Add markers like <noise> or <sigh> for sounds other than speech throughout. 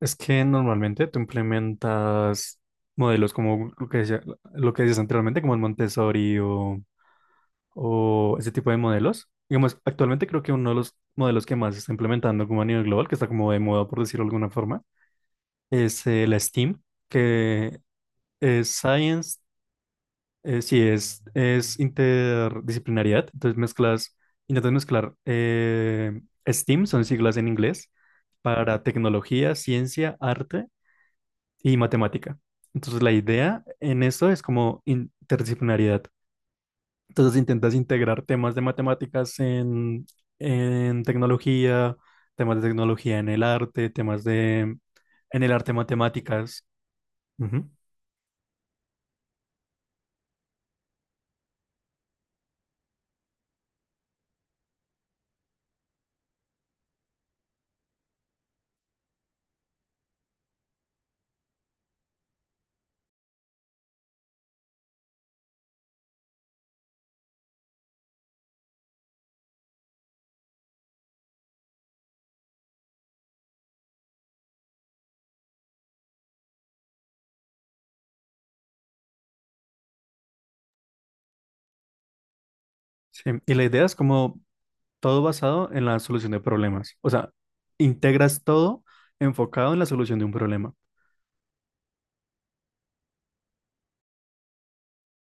Es que normalmente tú implementas modelos como lo que decía, lo que decías anteriormente, como el Montessori o ese tipo de modelos. Digamos, actualmente creo que uno de los modelos que más se está implementando como a nivel global, que está como de moda, por decirlo de alguna forma, es la STEAM, que es Science, sí, es interdisciplinariedad. Entonces mezclas, intentas mezclar STEAM, son siglas en inglés, para tecnología, ciencia, arte y matemática. Entonces la idea en esto es como interdisciplinariedad. Entonces intentas integrar temas de matemáticas en tecnología, temas de tecnología en el arte, temas de en el arte matemáticas. Ujú. Sí, y la idea es como todo basado en la solución de problemas. O sea, integras todo enfocado en la solución de un problema.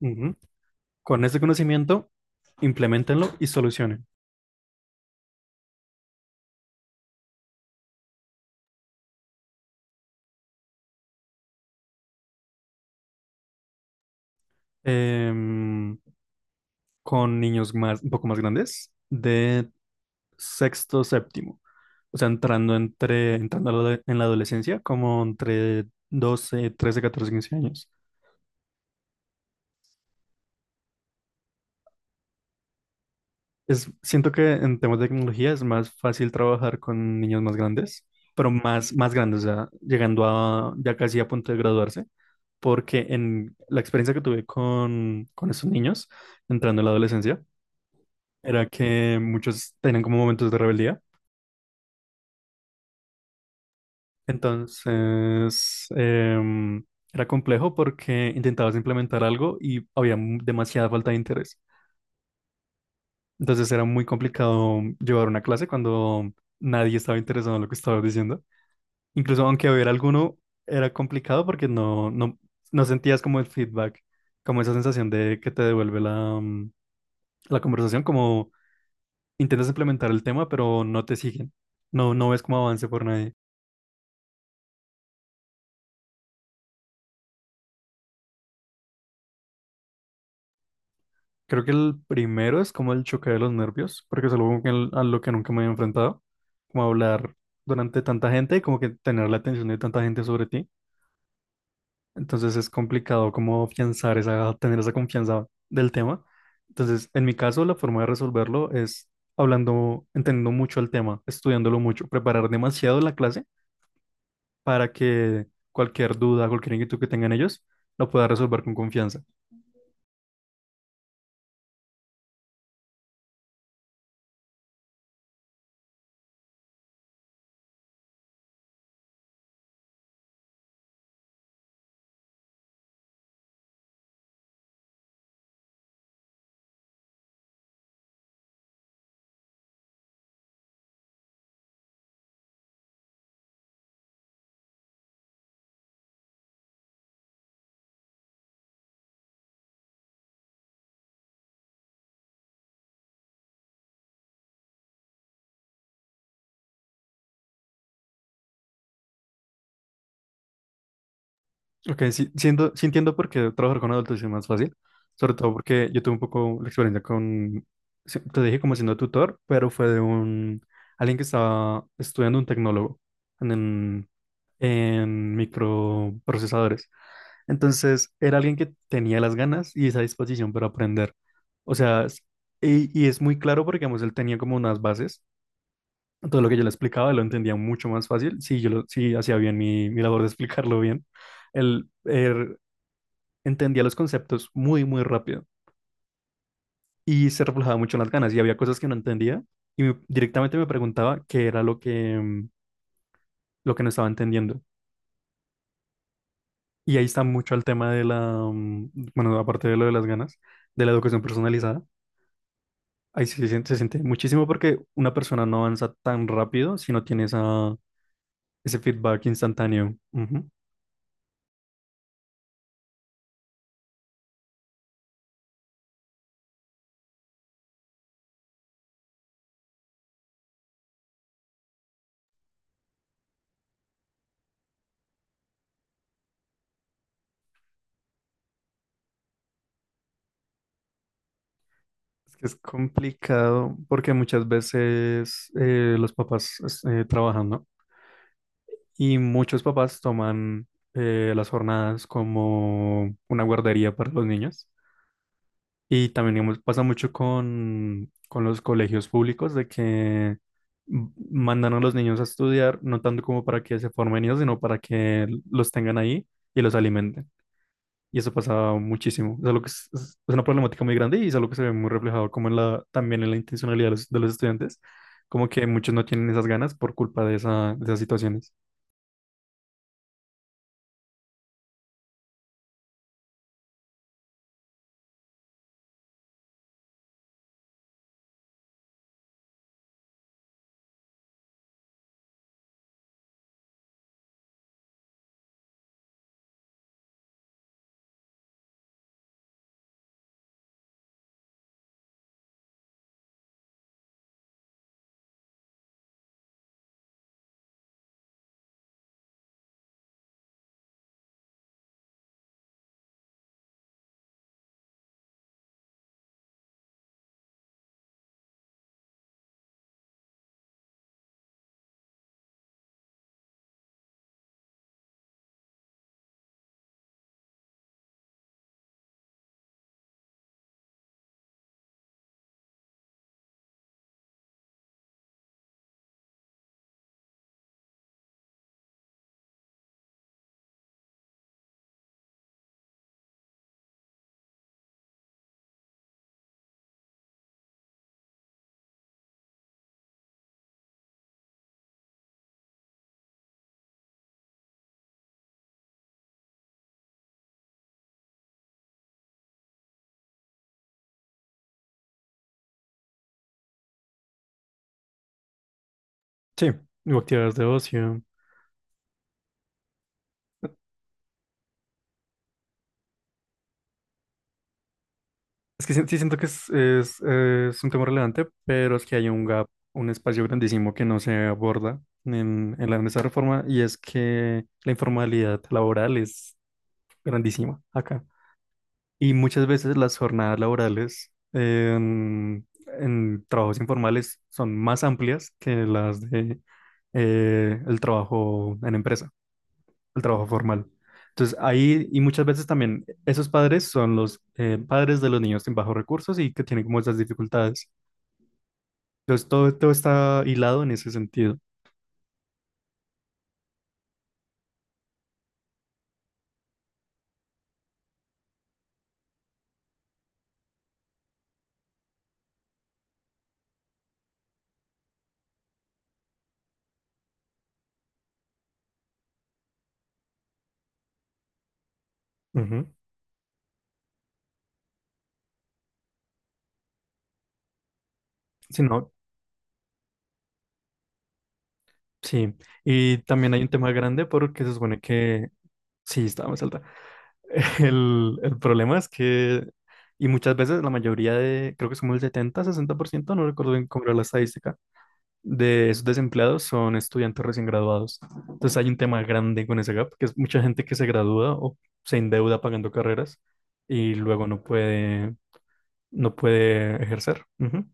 Ujú. Con ese conocimiento, implementenlo y solucionen. Em, con niños más, un poco más grandes, de sexto, séptimo. O sea, entrando, entrando a la en la adolescencia, como entre 12, 13, 14, 15 años. Siento que en temas de tecnología es más fácil trabajar con niños más grandes, pero más, más grandes, o sea, llegando a ya casi a punto de graduarse, porque en la experiencia que tuve con esos niños, entrando en la adolescencia, era que muchos tenían como momentos de rebeldía. Entonces, era complejo porque intentabas implementar algo y había demasiada falta de interés. Entonces era muy complicado llevar una clase cuando nadie estaba interesado en lo que estabas diciendo. Incluso aunque hubiera alguno, era complicado porque no, no, no sentías como el feedback, como esa sensación de que te devuelve la conversación, como intentas implementar el tema, pero no te siguen. No, no ves como avance por nadie. Creo que el primero es como el choque de los nervios, porque es algo a lo que nunca me había enfrentado, como hablar durante tanta gente y como que tener la atención de tanta gente sobre ti. Entonces es complicado como afianzar esa, tener esa confianza del tema. Entonces, en mi caso, la forma de resolverlo es hablando, entendiendo mucho el tema, estudiándolo mucho, preparar demasiado la clase para que cualquier duda, cualquier inquietud que tengan ellos, lo pueda resolver con confianza. Ok, sí, siento, sí entiendo por qué trabajar con adultos es más fácil, sobre todo porque yo tuve un poco la experiencia con, sí, te dije como siendo tutor, pero fue de un, alguien que estaba estudiando un tecnólogo en, en microprocesadores. Entonces, era alguien que tenía las ganas y esa disposición para aprender. O sea, y es muy claro porque, digamos, él tenía como unas bases, todo lo que yo le explicaba, él lo entendía mucho más fácil, si si hacía bien mi labor de <laughs> explicarlo bien. Él entendía los conceptos muy, muy rápido y se reflejaba mucho en las ganas y había cosas que no entendía y directamente me preguntaba qué era lo que no estaba entendiendo. Y ahí está mucho el tema de la, bueno, aparte de lo de las ganas, de la educación personalizada. Ahí sí se siente muchísimo porque una persona no avanza tan rápido si no tiene esa, ese feedback instantáneo. Ujú. Es que es complicado porque muchas veces los papás trabajan, ¿no? Y muchos papás toman las jornadas como una guardería para los niños. Y también digamos, pasa mucho con los colegios públicos de que mandan a los niños a estudiar, no tanto como para que se formen ellos, sino para que los tengan ahí y los alimenten. Y eso pasa muchísimo. Es algo que es una problemática muy grande y es algo que se ve muy reflejado como en la, también en la intencionalidad de de los estudiantes, como que muchos no tienen esas ganas por culpa de esa, de esas situaciones. Sí, o actividades de ocio. Es que sí, sí siento que es un tema relevante, pero es que hay un gap, un espacio grandísimo que no se aborda en esa reforma y es que la informalidad laboral es grandísima acá. Y muchas veces las jornadas laborales en trabajos informales son más amplias que las de el trabajo en empresa, al trabajo formal. Entonces, ahí, y muchas veces también esos padres son los padres de los niños con bajos recursos y que tienen como esas dificultades. Entonces, todo está hilado en ese sentido. Ujú. Sí, no, sí. Y también hay un tema grande porque se supone que, sí, está más alta. <laughs> El problema es que, y muchas veces la mayoría de, creo que es como el 70, 60%, no recuerdo bien cómo era la estadística, de esos desempleados son estudiantes recién graduados. Entonces hay un tema grande con ese gap, que es mucha gente que se gradúa o se endeuda pagando carreras y luego no puede ejercer. Ujú.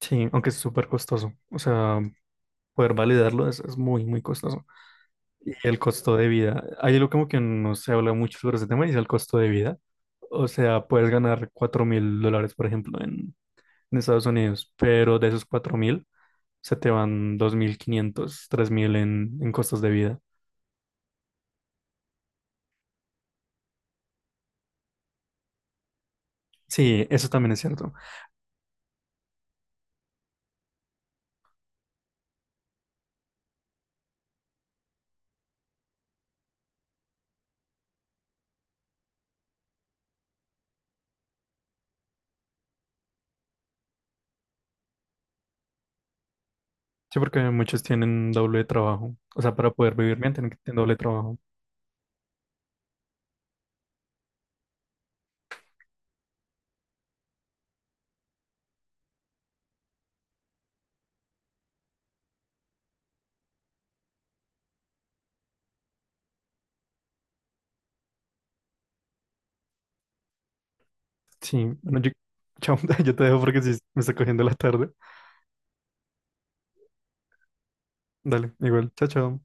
Sí, aunque es súper costoso. O sea, poder validarlo es muy, muy costoso. Y el costo de vida. Hay algo como que no se habla mucho sobre ese tema y es el costo de vida. O sea, puedes ganar $4,000, por ejemplo, en Estados Unidos, pero de esos 4,000, se te van 2,500 3,000 en costos de vida. Sí, eso también es cierto. Sí, porque muchos tienen doble trabajo. O sea, para poder vivir bien tienen que tener doble trabajo. Sí, bueno, chao, <laughs> yo te dejo porque sí, me está cogiendo la tarde. Dale, igual, chao, chao.